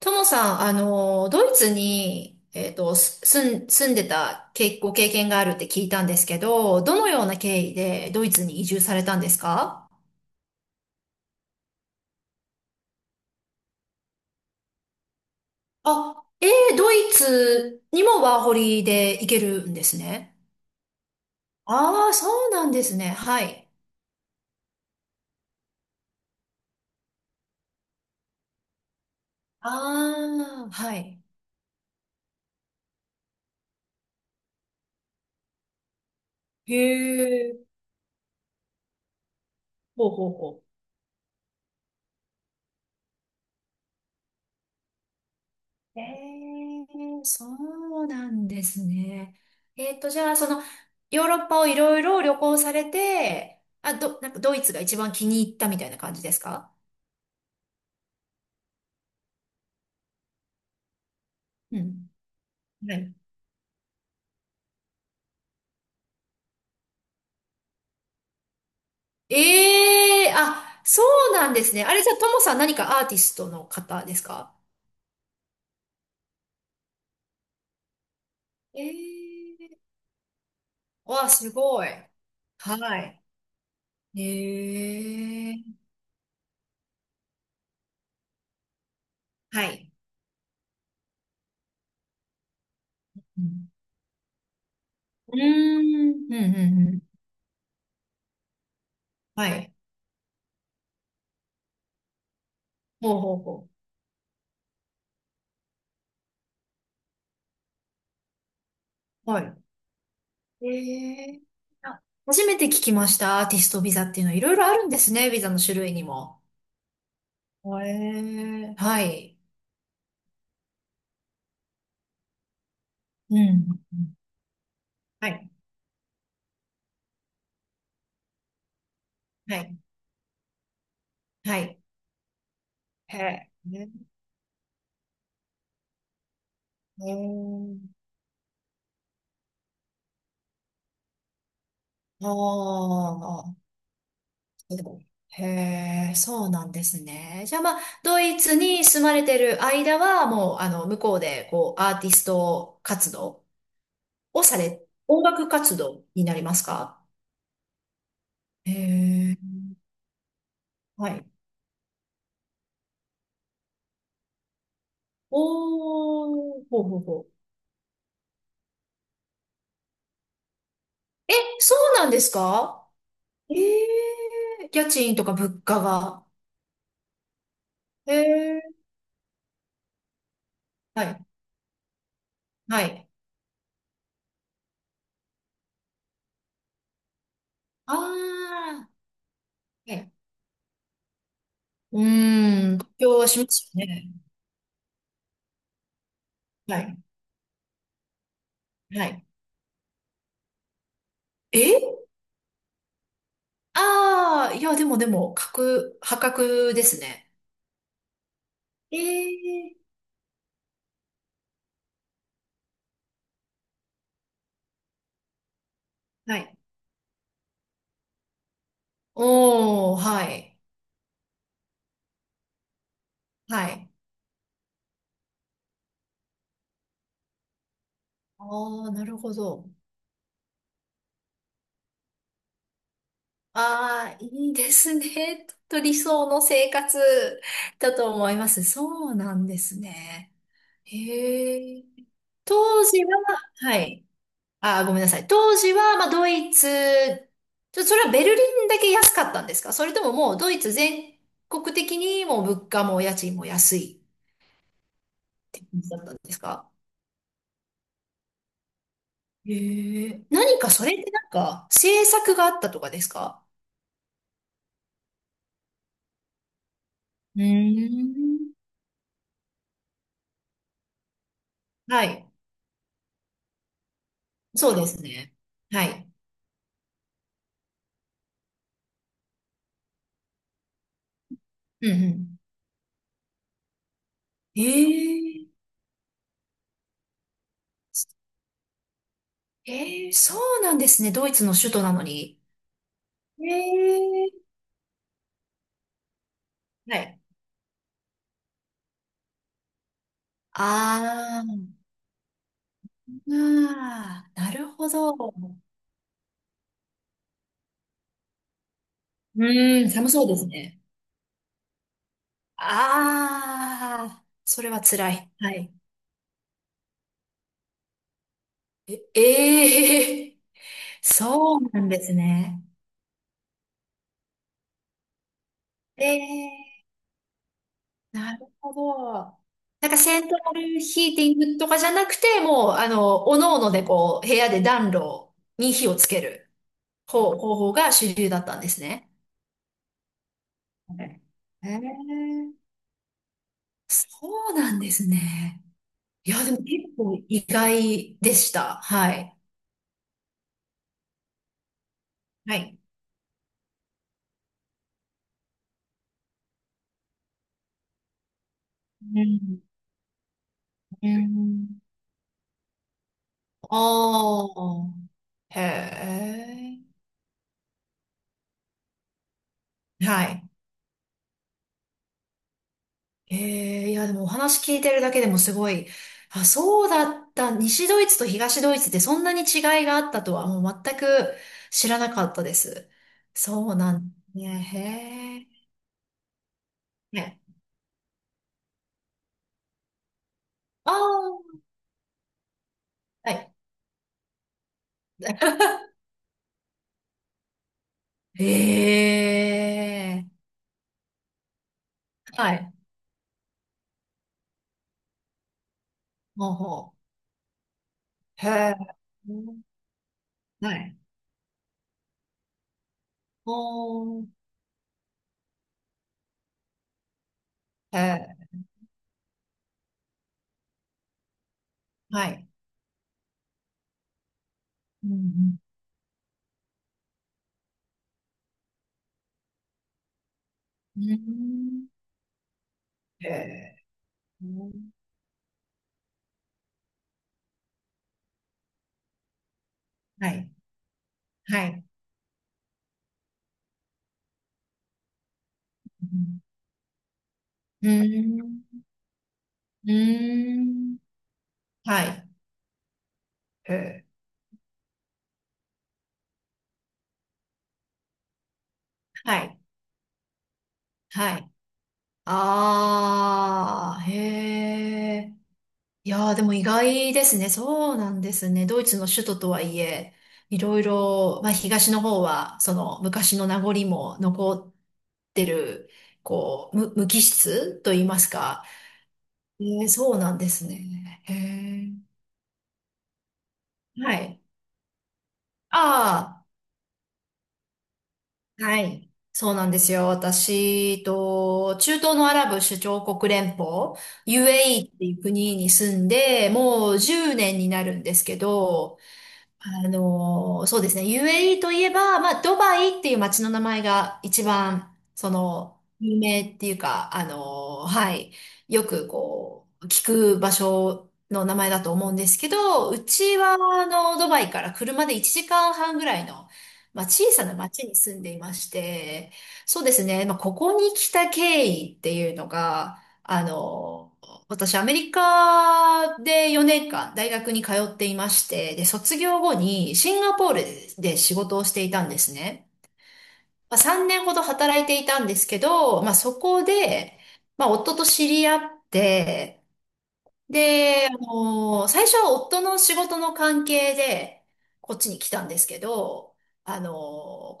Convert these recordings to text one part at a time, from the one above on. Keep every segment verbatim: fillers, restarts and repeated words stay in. ともさん、あの、ドイツに、えっと、す住ん、住んでたけ、ご経験があるって聞いたんですけど、どのような経緯でドイツに移住されたんですか？あ、えー、ドイツにもワーホリで行けるんですね。ああ、そうなんですね。はい。ああ、はい。へえ、ほうほうほ、えー、そうなんですね。えっと、じゃあ、その、ヨーロッパをいろいろ旅行されて、あ、ど、なんかドイツが一番気に入ったみたいな感じですか？うん。はい。ええー、あ、そうなんですね。あれじゃあ、ともさん何かアーティストの方ですか？ええー、わあ、すごい。はい。ええー、はい。うん。うーん、うん、うん、うん。はい。ほうほうほう。はい。ええ、あ、初めて聞きました。アーティストビザっていうのはいろいろあるんですね。ビザの種類にも。ええ、はい。うん。はい。はい。はい。へえ。ね、へえ、ああ。へえ、そうなんですね。じゃあまあ、ドイツに住まれてる間は、もう、あの、向こうで、こう、アーティスト活動をされ、音楽活動になりますか？へえ。はい。おー、ほうほうほう。え、そうなんですか？ええ家賃とか物価が。ええ、はい、はい。ああ、はい。うーん、妥協はしますよね。はい、はい。え、ああー、いや、でもでも、格、破格ですね。ええ、はい。おー、はい、はい。ああ、なるほど。ああ、いいですね。とっと理想の生活だと思います。そうなんですね。へえ。当時は、はい。あ、ごめんなさい。当時は、まあ、ドイツ、ちょ、それはベルリンだけ安かったんですか、それとももうドイツ全国的にもう物価も家賃も安いって感じだったんですか？へえ。何かそれってなんか政策があったとかですか？うーん。はい。そうですね。はい。うんうん。ええ。ええ、そうなんですね。ドイツの首都なのに。ええ。はい。ああ。ああ、なるほど。うーん、寒そうですね。ああ、それは辛い。はい。え、ええ。 そうなんですね。ええ、なるほど。なんかセントラルヒーティングとかじゃなくて、もう、あの、おのおのでこう、部屋で暖炉に火をつける方、方法が主流だったんですね。はい、ええ、そうなんですね。いや、でも結構意外でした。はい。はい。うん。うん。ああ、へえ。はい。ええ、いや、でもお話聞いてるだけでもすごい、あ、そうだった。西ドイツと東ドイツってそんなに違いがあったとはもう全く知らなかったです。そうなんね。へえ。ね、ああ、はい。へえ。はい。ほうほう。へえ。はい。おー、へえ、はい。うん、うん、うーん、へえ、うん、はい、はい。うん、うーん、はい、へえ、はい、はい。ああ、へえ。いやー、でも意外ですね。そうなんですね。ドイツの首都とはいえ、いろいろ、まあ東の方は、その昔の名残も残ってる、こう、無、無機質と言いますか、ええ、そうなんですね。へえ。はい。ああ、はい。そうなんですよ。私と、中東のアラブ首長国連邦、ユーエーイー っていう国に住んで、もうじゅうねんになるんですけど、あの、そうですね。ユーエーイー といえば、まあ、ドバイっていう街の名前が一番、その、有名っていうか、あの、はい。よくこう、聞く場所の名前だと思うんですけど、うちは、あの、ドバイから車でいちじかんはんぐらいの、まあ、小さな町に住んでいまして、そうですね。まあ、ここに来た経緯っていうのが、あの、私、アメリカでよねんかん大学に通っていまして、で、卒業後にシンガポールで仕事をしていたんですね。まあ、さんねんほど働いていたんですけど、まあ、そこで、まあ、夫と知り合って、で、あの、最初は夫の仕事の関係でこっちに来たんですけど、あの、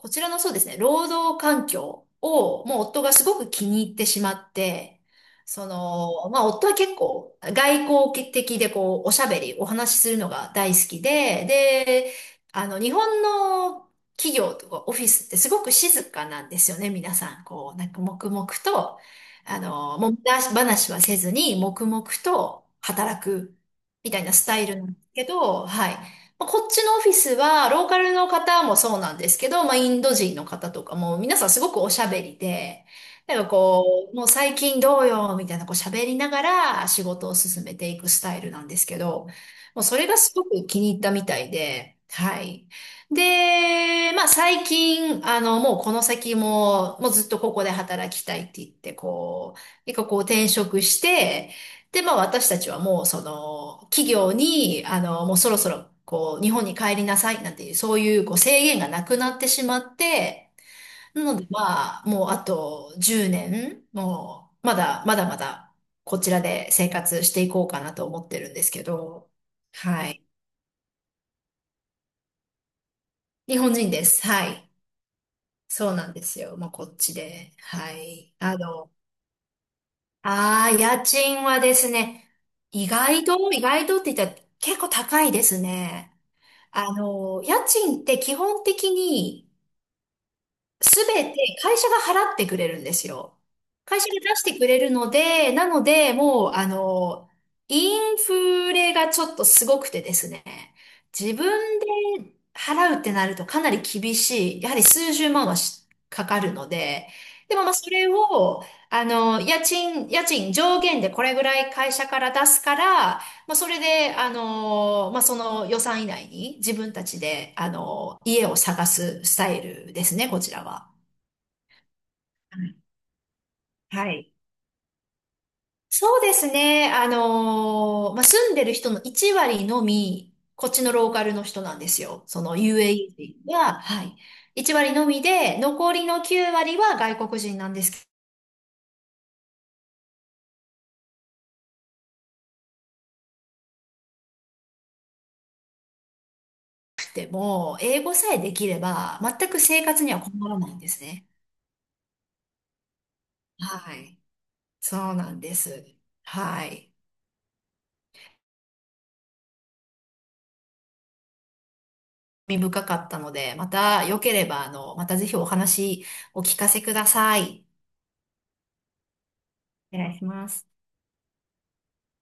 こちらのそうですね、労働環境を、もう夫がすごく気に入ってしまって、その、まあ夫は結構外交的でこう、おしゃべり、お話しするのが大好きで、で、あの、日本の企業とかオフィスってすごく静かなんですよね、皆さん。こう、なんか黙々と、あの、もみ出し話はせずに、黙々と働く、みたいなスタイルなんですけど、はい。まあ、こっちのオフィスは、ローカルの方もそうなんですけど、まあ、インド人の方とかも、皆さんすごくおしゃべりで、なんかこう、もう最近どうよ、みたいな、こう喋りながら仕事を進めていくスタイルなんですけど、もうそれがすごく気に入ったみたいで、はい。で、まあ最近、あの、もうこの先も、もうずっとここで働きたいって言って、こう、結構こう転職して、で、まあ私たちはもうその、企業に、あの、もうそろそろ、こう、日本に帰りなさいなんていう、そういうこう制限がなくなってしまって、なのでまあ、もうあとじゅうねん、もう、まだ、まだまだ、こちらで生活していこうかなと思ってるんですけど、はい。日本人です。はい。そうなんですよ。まあ、こっちで。はい。あの、ああ、家賃はですね、意外と、意外とって言ったら結構高いですね。あの、家賃って基本的にすべて会社が払ってくれるんですよ。会社が出してくれるので、なので、もう、あの、インフレがちょっとすごくてですね、自分で払うってなるとかなり厳しい、やはり数十万はしかかるので、でもまあそれを、あの、家賃、家賃上限でこれぐらい会社から出すから、まあ、それで、あのーまあ、その予算以内に自分たちで、あのー家を探すスタイルですね、こちらは。はい。はい、そうですね。あのーまあ、住んでる人のいち割のみ、こっちのローカルの人なんですよ。その ユーエーイー 人は、はい。いち割のみで、残りのきゅう割は外国人なんですけども、英語さえできれば、全く生活には困らないんですね。はい。そうなんです。はい。興味深かったので、また良ければ、あの、またぜひお話お聞かせください。お願いします。